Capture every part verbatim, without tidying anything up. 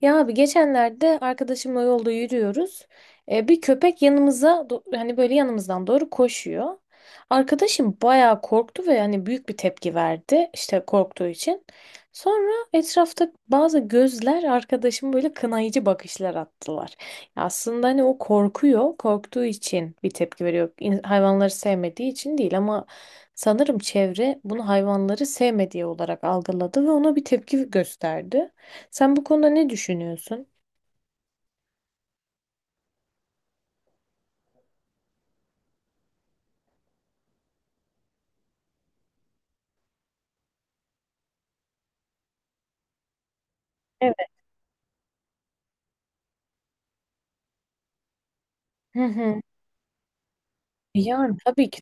Ya abi geçenlerde arkadaşımla yolda yürüyoruz. E, bir köpek yanımıza do- hani böyle yanımızdan doğru koşuyor. Arkadaşım bayağı korktu ve yani büyük bir tepki verdi işte korktuğu için. Sonra etrafta bazı gözler arkadaşım böyle kınayıcı bakışlar attılar. Ya aslında hani o korkuyor, korktuğu için bir tepki veriyor. İn- Hayvanları sevmediği için değil ama sanırım çevre bunu hayvanları sevmediği olarak algıladı ve ona bir tepki gösterdi. Sen bu konuda ne düşünüyorsun? Evet. Hı hı. Yani tabii ki.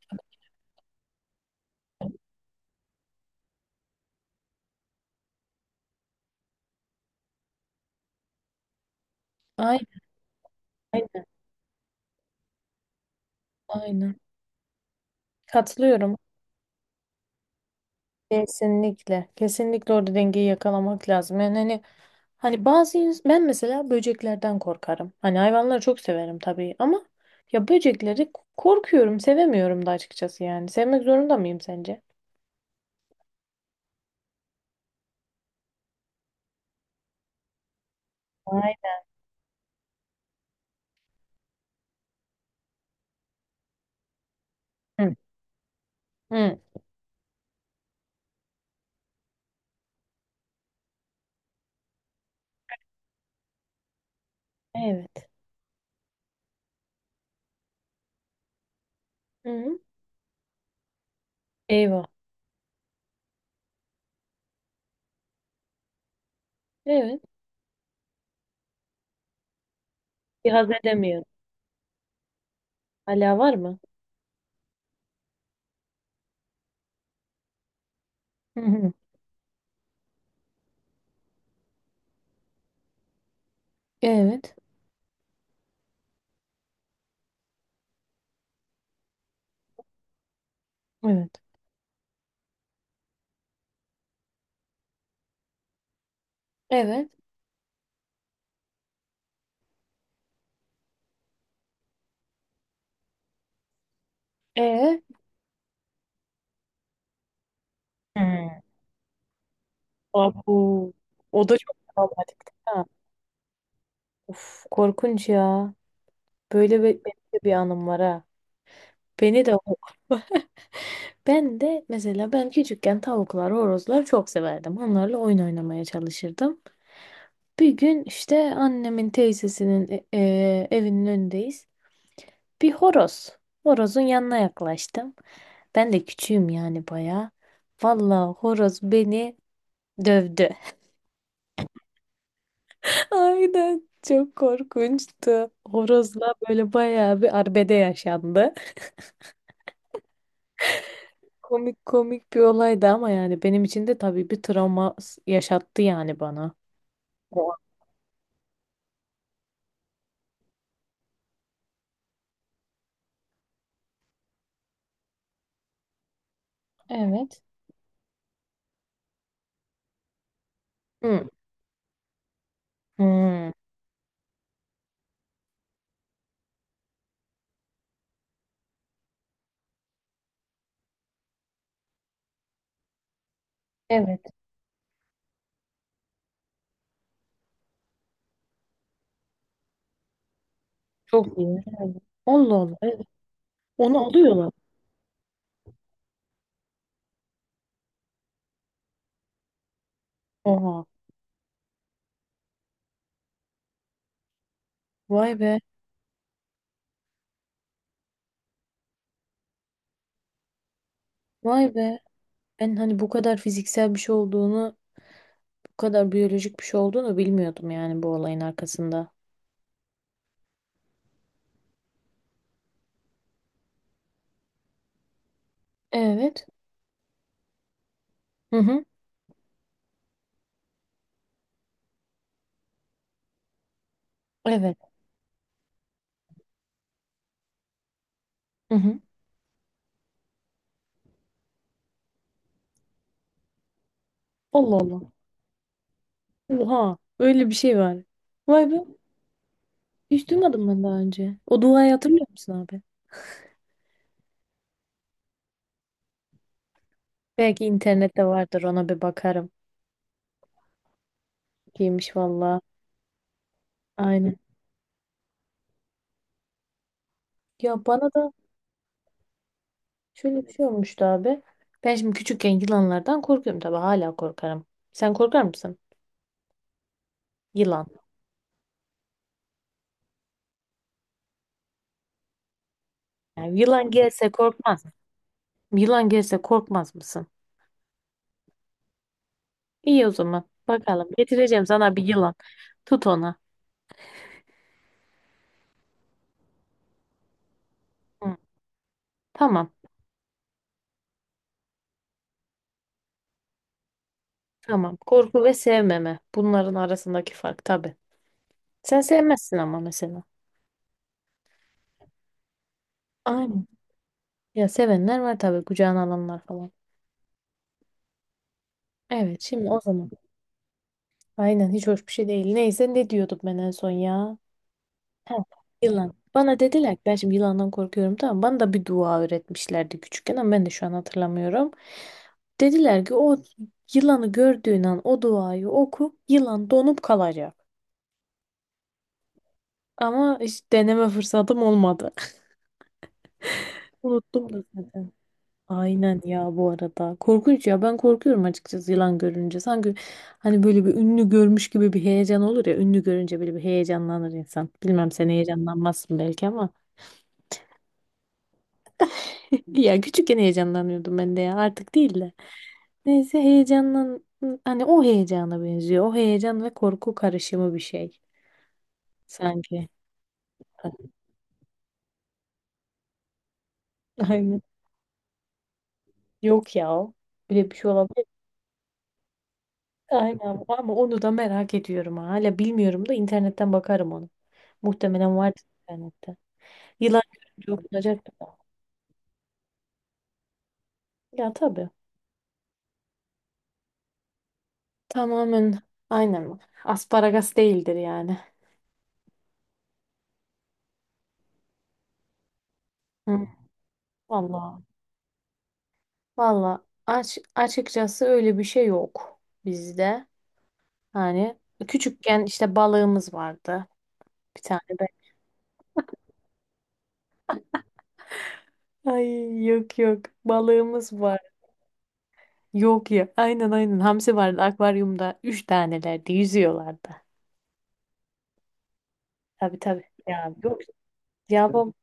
Aynen, aynen, aynen. Katılıyorum. Kesinlikle. Kesinlikle orada dengeyi yakalamak lazım. Yani hani hani bazı ins- ben mesela böceklerden korkarım. Hani hayvanları çok severim tabii ama ya böcekleri k- korkuyorum, sevemiyorum da açıkçası yani. Sevmek zorunda mıyım sence? Ay, Hı. Hı. Evet. Hı. hı. Eyvah. Evet. Bir haz edemiyorum. Hala var mı? Hı hı. Evet. Evet. Evet. Ee? Hmm. Abu. O da çok travmatik değil mi? Of korkunç ya. Böyle be- benim de bir anım var ha. Beni de o- Ben de mesela ben küçükken tavuklar, horozlar çok severdim. Onlarla oyun oynamaya çalışırdım. Bir gün işte annemin teyzesinin e, e, evinin önündeyiz. Bir horoz. Horozun yanına yaklaştım. Ben de küçüğüm yani bayağı. Vallahi horoz beni dövdü. Aynen. Çok korkunçtu. Horozla böyle bayağı bir arbede yaşandı. Komik komik bir olaydı ama yani benim için de tabii bir travma s- yaşattı yani bana. O- an. Evet. Hı. Hı. Evet. Çok iyi. Evet. Allah Allah. Evet. Onu alıyorlar. Oha. Vay be. Vay be. Ben hani bu kadar fiziksel bir şey olduğunu, bu kadar biyolojik bir şey olduğunu bilmiyordum yani bu olayın arkasında. Evet. Hı hı. Evet. Hı hı. Allah Allah. Oha, öyle bir şey var. Vay be, hiç duymadım ben daha önce. O duayı hatırlıyor musun abi? Belki internette vardır ona bir bakarım. Giymiş valla. Aynen. Ya bana da şöyle bir şey olmuştu abi. Ben şimdi küçükken yılanlardan korkuyorum tabii hala korkarım. Sen korkar mısın? Yılan. Yani yılan gelse korkmaz. Yılan gelse korkmaz mısın? İyi o zaman. Bakalım. Getireceğim sana bir yılan. Tut ona. Hı. Tamam. Tamam. Korku ve sevmeme. Bunların arasındaki fark tabii. Sen sevmezsin ama mesela. Aynen. Ya sevenler var tabii kucağına alanlar falan. Evet şimdi o zaman. Aynen hiç hoş bir şey değil. Neyse ne diyordum ben en son ya. Ha, yılan. Bana dediler ki ben şimdi yılandan korkuyorum tamam. Bana da bir dua öğretmişlerdi küçükken ama ben de şu an hatırlamıyorum. Dediler ki o yılanı gördüğün an o duayı oku yılan donup kalacak. Ama hiç deneme fırsatım olmadı. Unuttum da zaten. Aynen ya bu arada. Korkunç ya ben korkuyorum açıkçası yılan görünce. Sanki hani böyle bir ünlü görmüş gibi bir heyecan olur ya. Ünlü görünce böyle bir heyecanlanır insan. Bilmem sen heyecanlanmazsın belki ama. Ya küçükken heyecanlanıyordum ben de ya artık değil de. Neyse heyecanlan hani o heyecana benziyor. O heyecan ve korku karışımı bir şey sanki. Aynen. Yok ya. O. Böyle bir şey olabilir. Aynen ama onu da merak ediyorum. Ha. Hala bilmiyorum da internetten bakarım onu. Muhtemelen vardır internette. Yılan görünce okunacak da. Ya tabii. Tamamen aynen. Asparagas değildir yani. Hı. Vallahi. Vallahi aç, açıkçası öyle bir şey yok bizde. Hani küçükken işte balığımız vardı. Bir tane be. Ay yok yok. Balığımız var. Yok ya. Aynen aynen. Hamsi vardı akvaryumda. Üç tanelerdi. Yüzüyorlardı. Tabii tabii. Ya yok. Ya bab-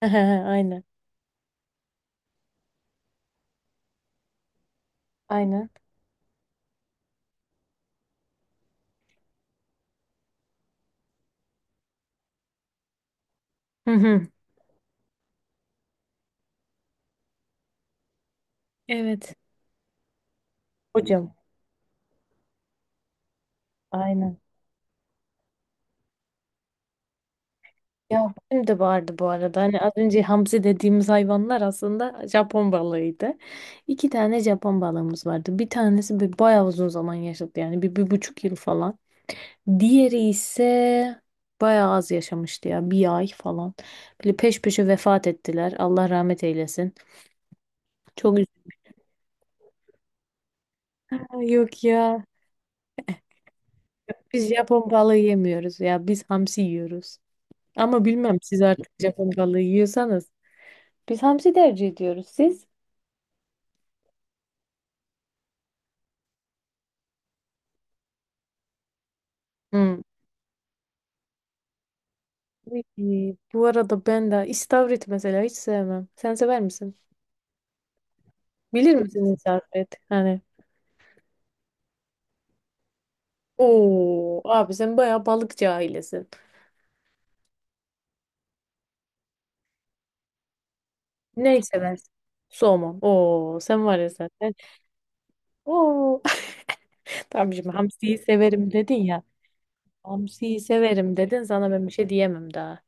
Aynen. Aynen. Hı hı. Evet. Hocam. Aynen. Ya benim de vardı bu arada. Hani az önce hamsi dediğimiz hayvanlar aslında Japon balığıydı. İki tane Japon balığımız vardı. Bir tanesi bir bayağı uzun zaman yaşadı yani bir, bir buçuk yıl falan. Diğeri ise bayağı az yaşamıştı ya bir ay falan. Böyle peş peşe vefat ettiler. Allah rahmet eylesin. Çok üzüldüm. Yok ya biz Japon balığı yemiyoruz ya biz hamsi yiyoruz. Ama bilmem siz artık Japon balığı yiyorsanız. Biz hamsi tercih ediyoruz siz. Peki, Bu arada ben de istavrit mesela hiç sevmem. Sen sever misin? Bilir misin istavrit? Hani Oo abi sen bayağı balıkçı ailesin. Neyi seversin? Somon. Oo sen var ya sen. Oo tamam şimdi hamsiyi severim dedin ya. Hamsiyi severim dedin sana ben bir şey diyemem daha.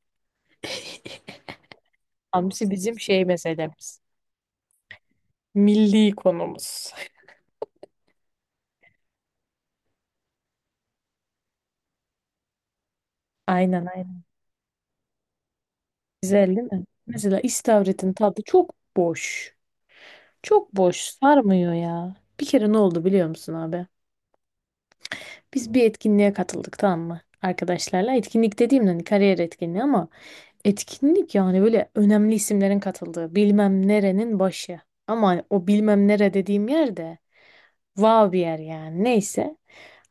Hamsi bizim şey meselemiz. Milli konumuz. Aynen aynen. Güzel değil mi? Mesela istavritin tadı çok boş. Çok boş, sarmıyor ya. Bir kere ne oldu biliyor musun abi? Biz bir etkinliğe katıldık tamam mı? Arkadaşlarla. Etkinlik dediğim hani kariyer etkinliği ama etkinlik yani böyle önemli isimlerin katıldığı bilmem nerenin başı. Ama hani o bilmem nere dediğim yer de wow bir yer yani neyse.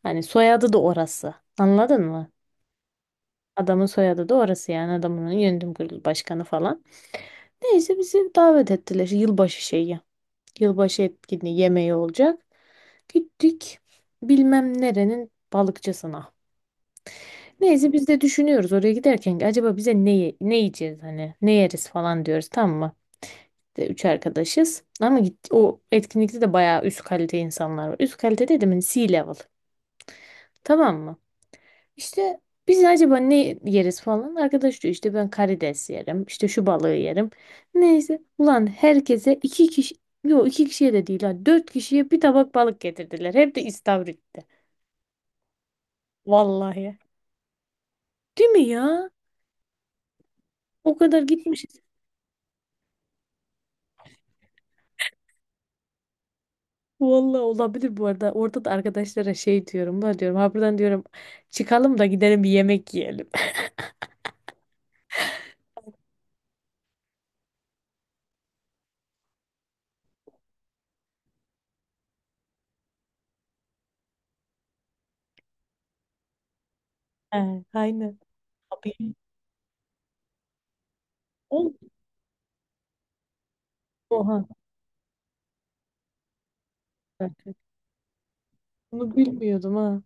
Hani soyadı da orası. Anladın mı? Adamın soyadı da orası yani adamın yönetim kurulu başkanı falan. Neyse bizi davet ettiler yılbaşı şeyi. Yılbaşı etkinliği yemeği olacak. Gittik bilmem nerenin balıkçısına. Neyse biz de düşünüyoruz oraya giderken ki acaba bize ne, ye- ne yiyeceğiz hani ne yeriz falan diyoruz tamam mı? De, üç arkadaşız ama git, o etkinlikte de bayağı üst kalite insanlar var. Üst kalite dedim hani ce level tamam mı? İşte biz acaba ne yeriz falan. Arkadaş diyor işte ben karides yerim. İşte şu balığı yerim. Neyse. Ulan herkese iki kişi yok iki kişiye de değil ha. Dört kişiye bir tabak balık getirdiler. Hep de istavritte. Vallahi. Değil mi ya? O kadar gitmişiz. Vallahi olabilir bu arada. Orada da arkadaşlara şey diyorum. Ben diyorum ha buradan diyorum çıkalım da gidelim bir yemek yiyelim. He, aynen. Abi. Oğlum, Oha. Artık. Bunu bilmiyordum ha.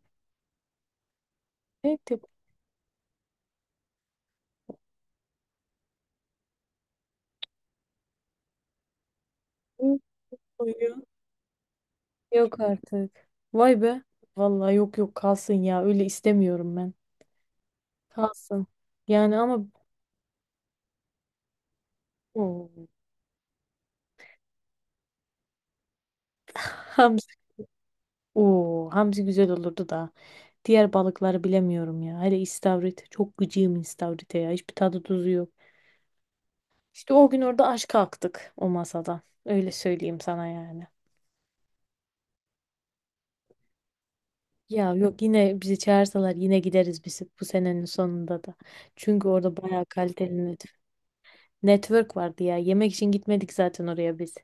Evet yapıyor. Koyuyor. Yok artık. Vay be. Vallahi yok yok kalsın ya. Öyle istemiyorum ben. Kalsın. Yani ama Oo. Oo, hamsi güzel olurdu da. Diğer balıkları bilemiyorum ya. Hele istavrit. Çok gıcığım istavrite ya. Hiçbir tadı tuzu yok. İşte o gün orada aşk kalktık o masada. Öyle söyleyeyim sana yani. Ya yok yine bizi çağırsalar yine gideriz biz bu senenin sonunda da. Çünkü orada bayağı kaliteli net network vardı ya. Yemek için gitmedik zaten oraya biz.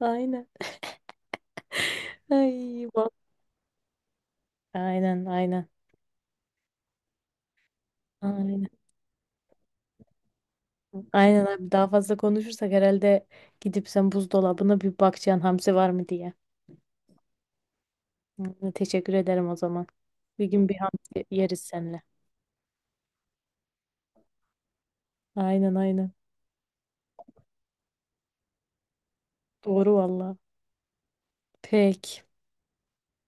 Aynen. Ay, bak. Aynen aynen. Aynen. Aynen abi daha fazla konuşursak herhalde gidip sen buzdolabına bir bakacaksın hamsi var mı diye. Hı, teşekkür ederim o zaman. Bir gün bir hamsi yeriz seninle. Aynen aynen. Doğru valla. Peki.